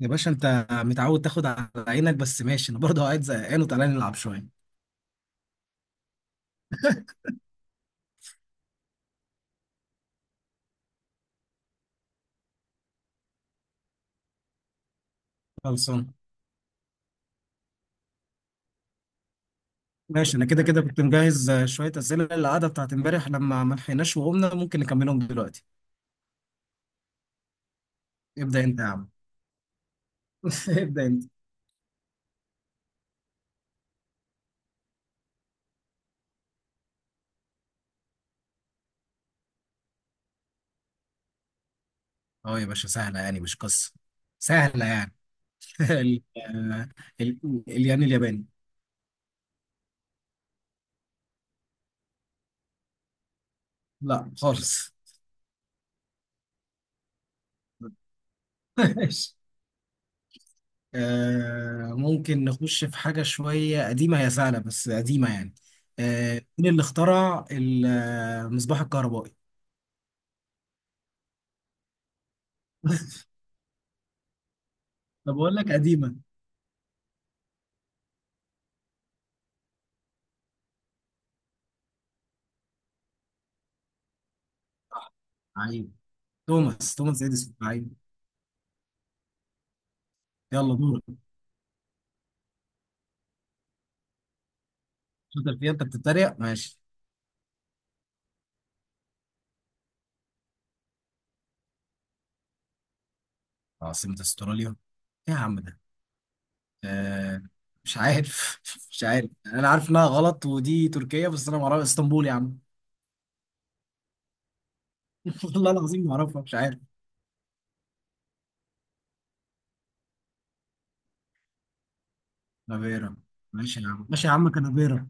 يا باشا، انت متعود تاخد على عينك. بس ماشي، انا برضه قاعد زهقان وتعالى نلعب شويه. خلصان. ماشي، انا كده كده كنت مجهز شويه اسئله للقعده بتاعت امبارح لما ما لحقناش وقمنا ممكن نكملهم دلوقتي. ابدا انت يا عم. ابدا انت. اه يا باشا، سهله يعني مش قصه. سهله يعني. ال... آه، ال... الين الياباني. لا خالص. ماشي. ممكن نخش في حاجة شوية قديمة، هي سهلة بس قديمة يعني. مين اللي اخترع المصباح الكهربائي؟ طب اقول لك قديمه. عيب. توماس اديسون. عيب. يلا دورك. شاطر فيها انت، بتتريق، ماشي. عاصمه استراليا. ايه يا عم ده؟ آه مش عارف. مش عارف. انا عارف انها غلط ودي تركيا، بس انا ما اعرف اسطنبول يا عم. والله العظيم ما اعرفها. مش عارف. كانبيرا. ماشي يا عم، ماشي يا عم. كانبيرا.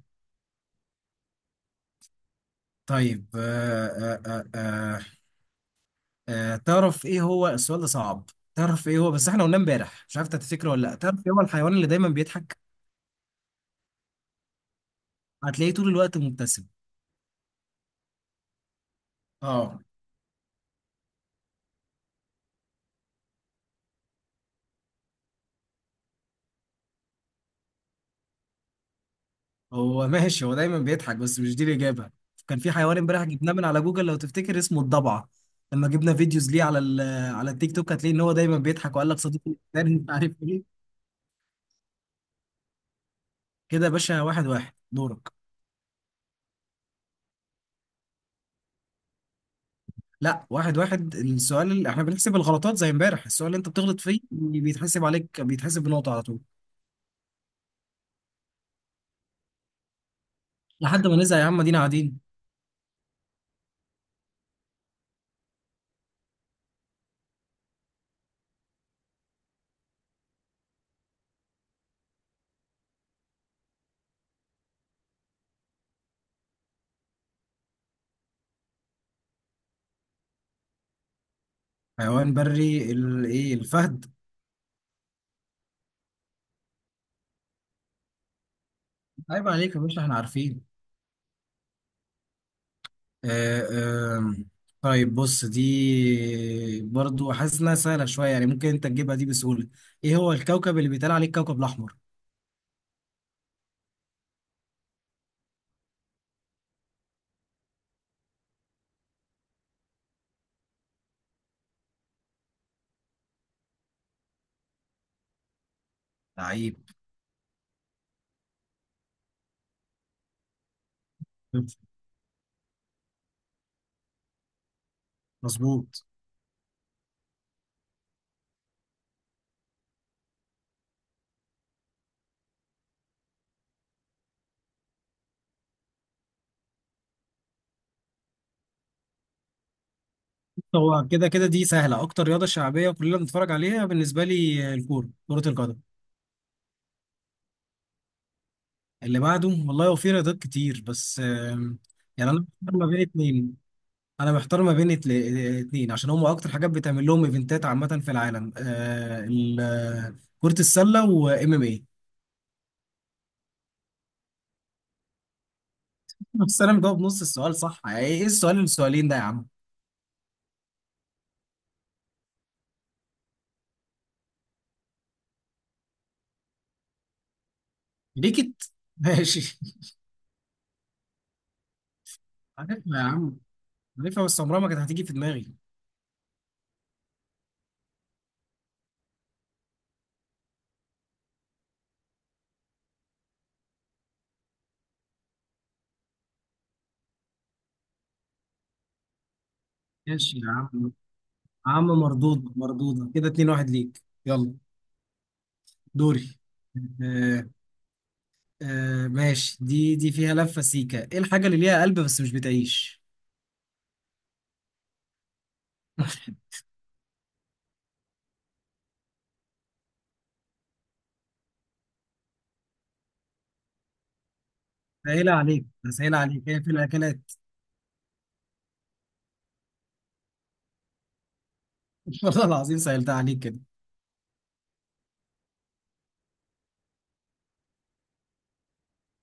طيب. تعرف ايه هو. السؤال ده صعب. تعرف ايه هو، بس احنا قلنا امبارح، مش عارف انت تفتكره ولا لا. تعرف ايه هو الحيوان اللي دايما بيضحك؟ هتلاقيه طول الوقت مبتسم. اه. هو ماشي، هو دايما بيضحك بس مش دي الإجابة. كان في حيوان امبارح جبناه من على جوجل لو تفتكر، اسمه الضبعة. لما جبنا فيديوز ليه على على التيك توك هتلاقي ان هو دايما بيضحك وقال لك صديقي الانسان مش عارف ايه. كده يا باشا. 1-1. دورك. لا، 1-1. السؤال اللي احنا بنحسب الغلطات زي امبارح، السؤال اللي انت بتغلط فيه بيتحسب عليك، بيتحسب بنقطة على طول. لحد ما نزهق يا عم، ادينا قاعدين. حيوان بري. ايه، الفهد. عيب عليك يا باشا، احنا عارفين. آه، آه، طيب بص، دي برضو حاسس انها سهله شويه، يعني ممكن انت تجيبها دي بسهوله. ايه هو الكوكب اللي بيتقال عليه الكوكب الاحمر؟ لعيب. مظبوط. هو كده كده دي سهله. اكتر رياضه شعبيه كلنا بنتفرج عليها بالنسبه لي، الكوره، كره القدم. اللي بعده، والله هو في رياضات كتير بس يعني انا محتار ما بين اتنين. انا محتار ما بين اتنين عشان هم اكتر حاجات بتعمل لهم ايفنتات عامه في العالم، كره السله وام ام. بس انا مجاوب نص السؤال صح، يعني ايه السؤالين ده يا عم؟ ليكت، ماشي. عارفها يا عم، عارفها بس عمرها ما كانت هتيجي في دماغي. ماشي يا عم عم. مردودة كده. 2-1 ليك. يلا. دوري. آه ماشي. دي فيها لفة سيكة. ايه الحاجة اللي ليها قلب بس مش بتعيش؟ سهلة عليك، سهلة عليك، هي في الأكلات. والله العظيم سهلتها عليك كده.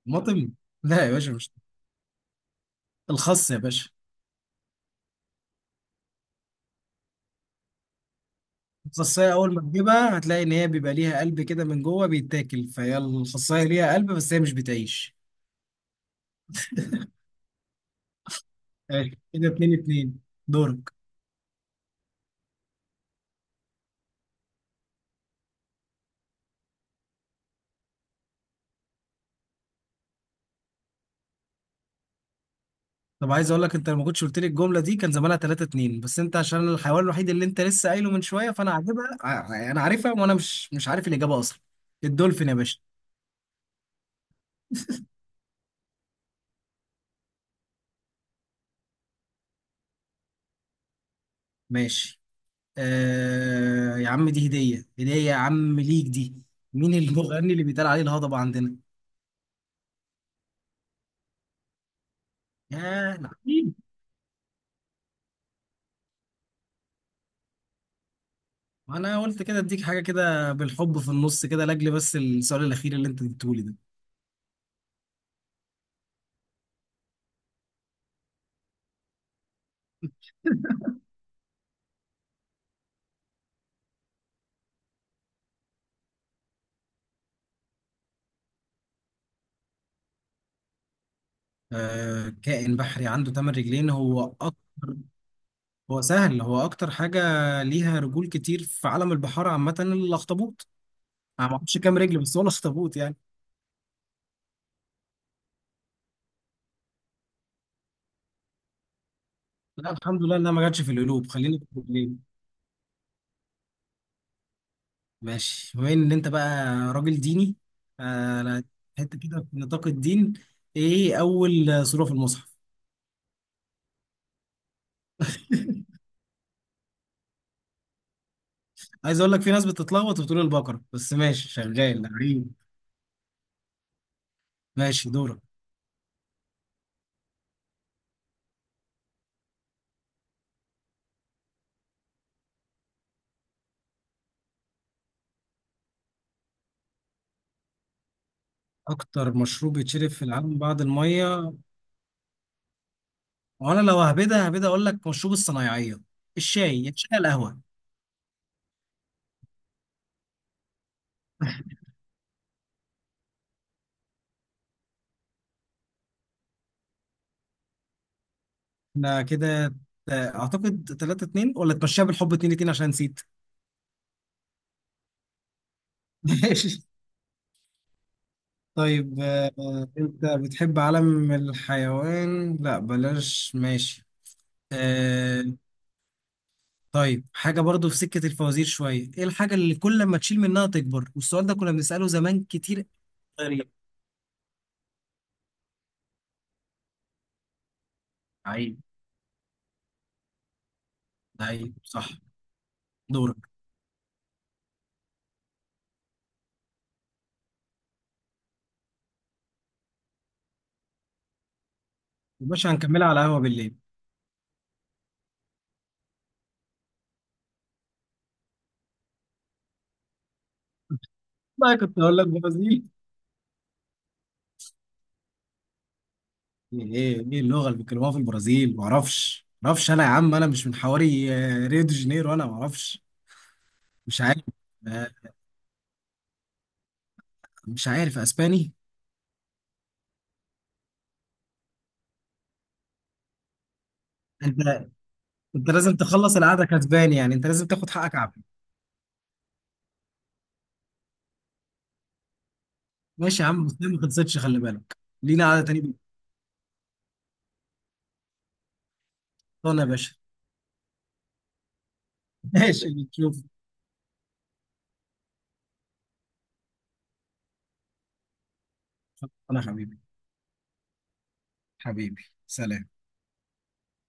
مطم. لا يا باشا، مش. الخس يا باشا. الخصاية أول ما تجيبها هتلاقي إن هي بيبقى ليها قلب كده من جوه بيتاكل، فهي الخصاية ليها قلب بس هي مش بتعيش. حلو. كده 2-2. دورك. طب عايز أقول لك، أنت لما كنتش قلت لي الجملة دي كان زمانها 3-2، بس أنت عشان الحيوان الوحيد اللي أنت لسه قايله من شوية فأنا عاجبها. أنا عارفها وأنا مش عارف الإجابة أصلا. الدولفين يا باشا. ماشي. يا عم، دي هدية هدية يا عم ليك دي. مين المغني اللي بيتقال عليه الهضبة عندنا؟ يا لعيب. انا قلت كده اديك حاجه كده بالحب في النص كده، لاجل بس السؤال الاخير اللي انت اديتهولي ده. كائن بحري عنده 8 رجلين. هو اكتر، هو سهل. هو اكتر حاجه ليها رجول كتير في عالم البحار عامه، الاخطبوط. انا ما اعرفش كام رجل، بس هو الاخطبوط يعني. لا الحمد لله انها ما جاتش في القلوب، خليني في الرجلين. ماشي، بما ان انت بقى راجل ديني. لا، حته كده في نطاق الدين. ايه اول سوره في المصحف؟ عايز اقول لك في ناس بتتلخبط وبتقول البقره، بس ماشي، شغال عيب. ماشي دورك. اكتر مشروب بيتشرب في العالم بعد الميه؟ وانا لو هبدا اقول لك مشروب الصنايعيه، الشاي. يا شاي القهوه. احنا كده. اعتقد 3-2 ولا تمشيها بالحب 2-2 عشان نسيت. ماشي. طيب انت بتحب عالم الحيوان؟ لا بلاش، ماشي. آه، طيب حاجه برضو في سكه الفوازير شويه. ايه الحاجه اللي كل ما تشيل منها تكبر؟ والسؤال ده كنا بنساله زمان كتير. غريب. عيب. عيب صح. دورك. مش هنكملها على قهوه بالليل؟ بقى كنت اقول لك برازيل. ايه اللغه اللي بيتكلموها في البرازيل؟ ما اعرفش، ما اعرفش، انا يا عم انا مش من حواري ريو دي جانيرو. انا ما اعرفش. مش عارف. آه، مش عارف. اسباني. انت انت لازم تخلص القعده كسباني يعني، انت لازم تاخد حقك، عافيه. ماشي يا عم، بس ما خلصتش خلي بالك. لينا قعده تانيه. بالقطان يا باشا. ماشي نشوف. انا حبيبي. حبيبي سلام.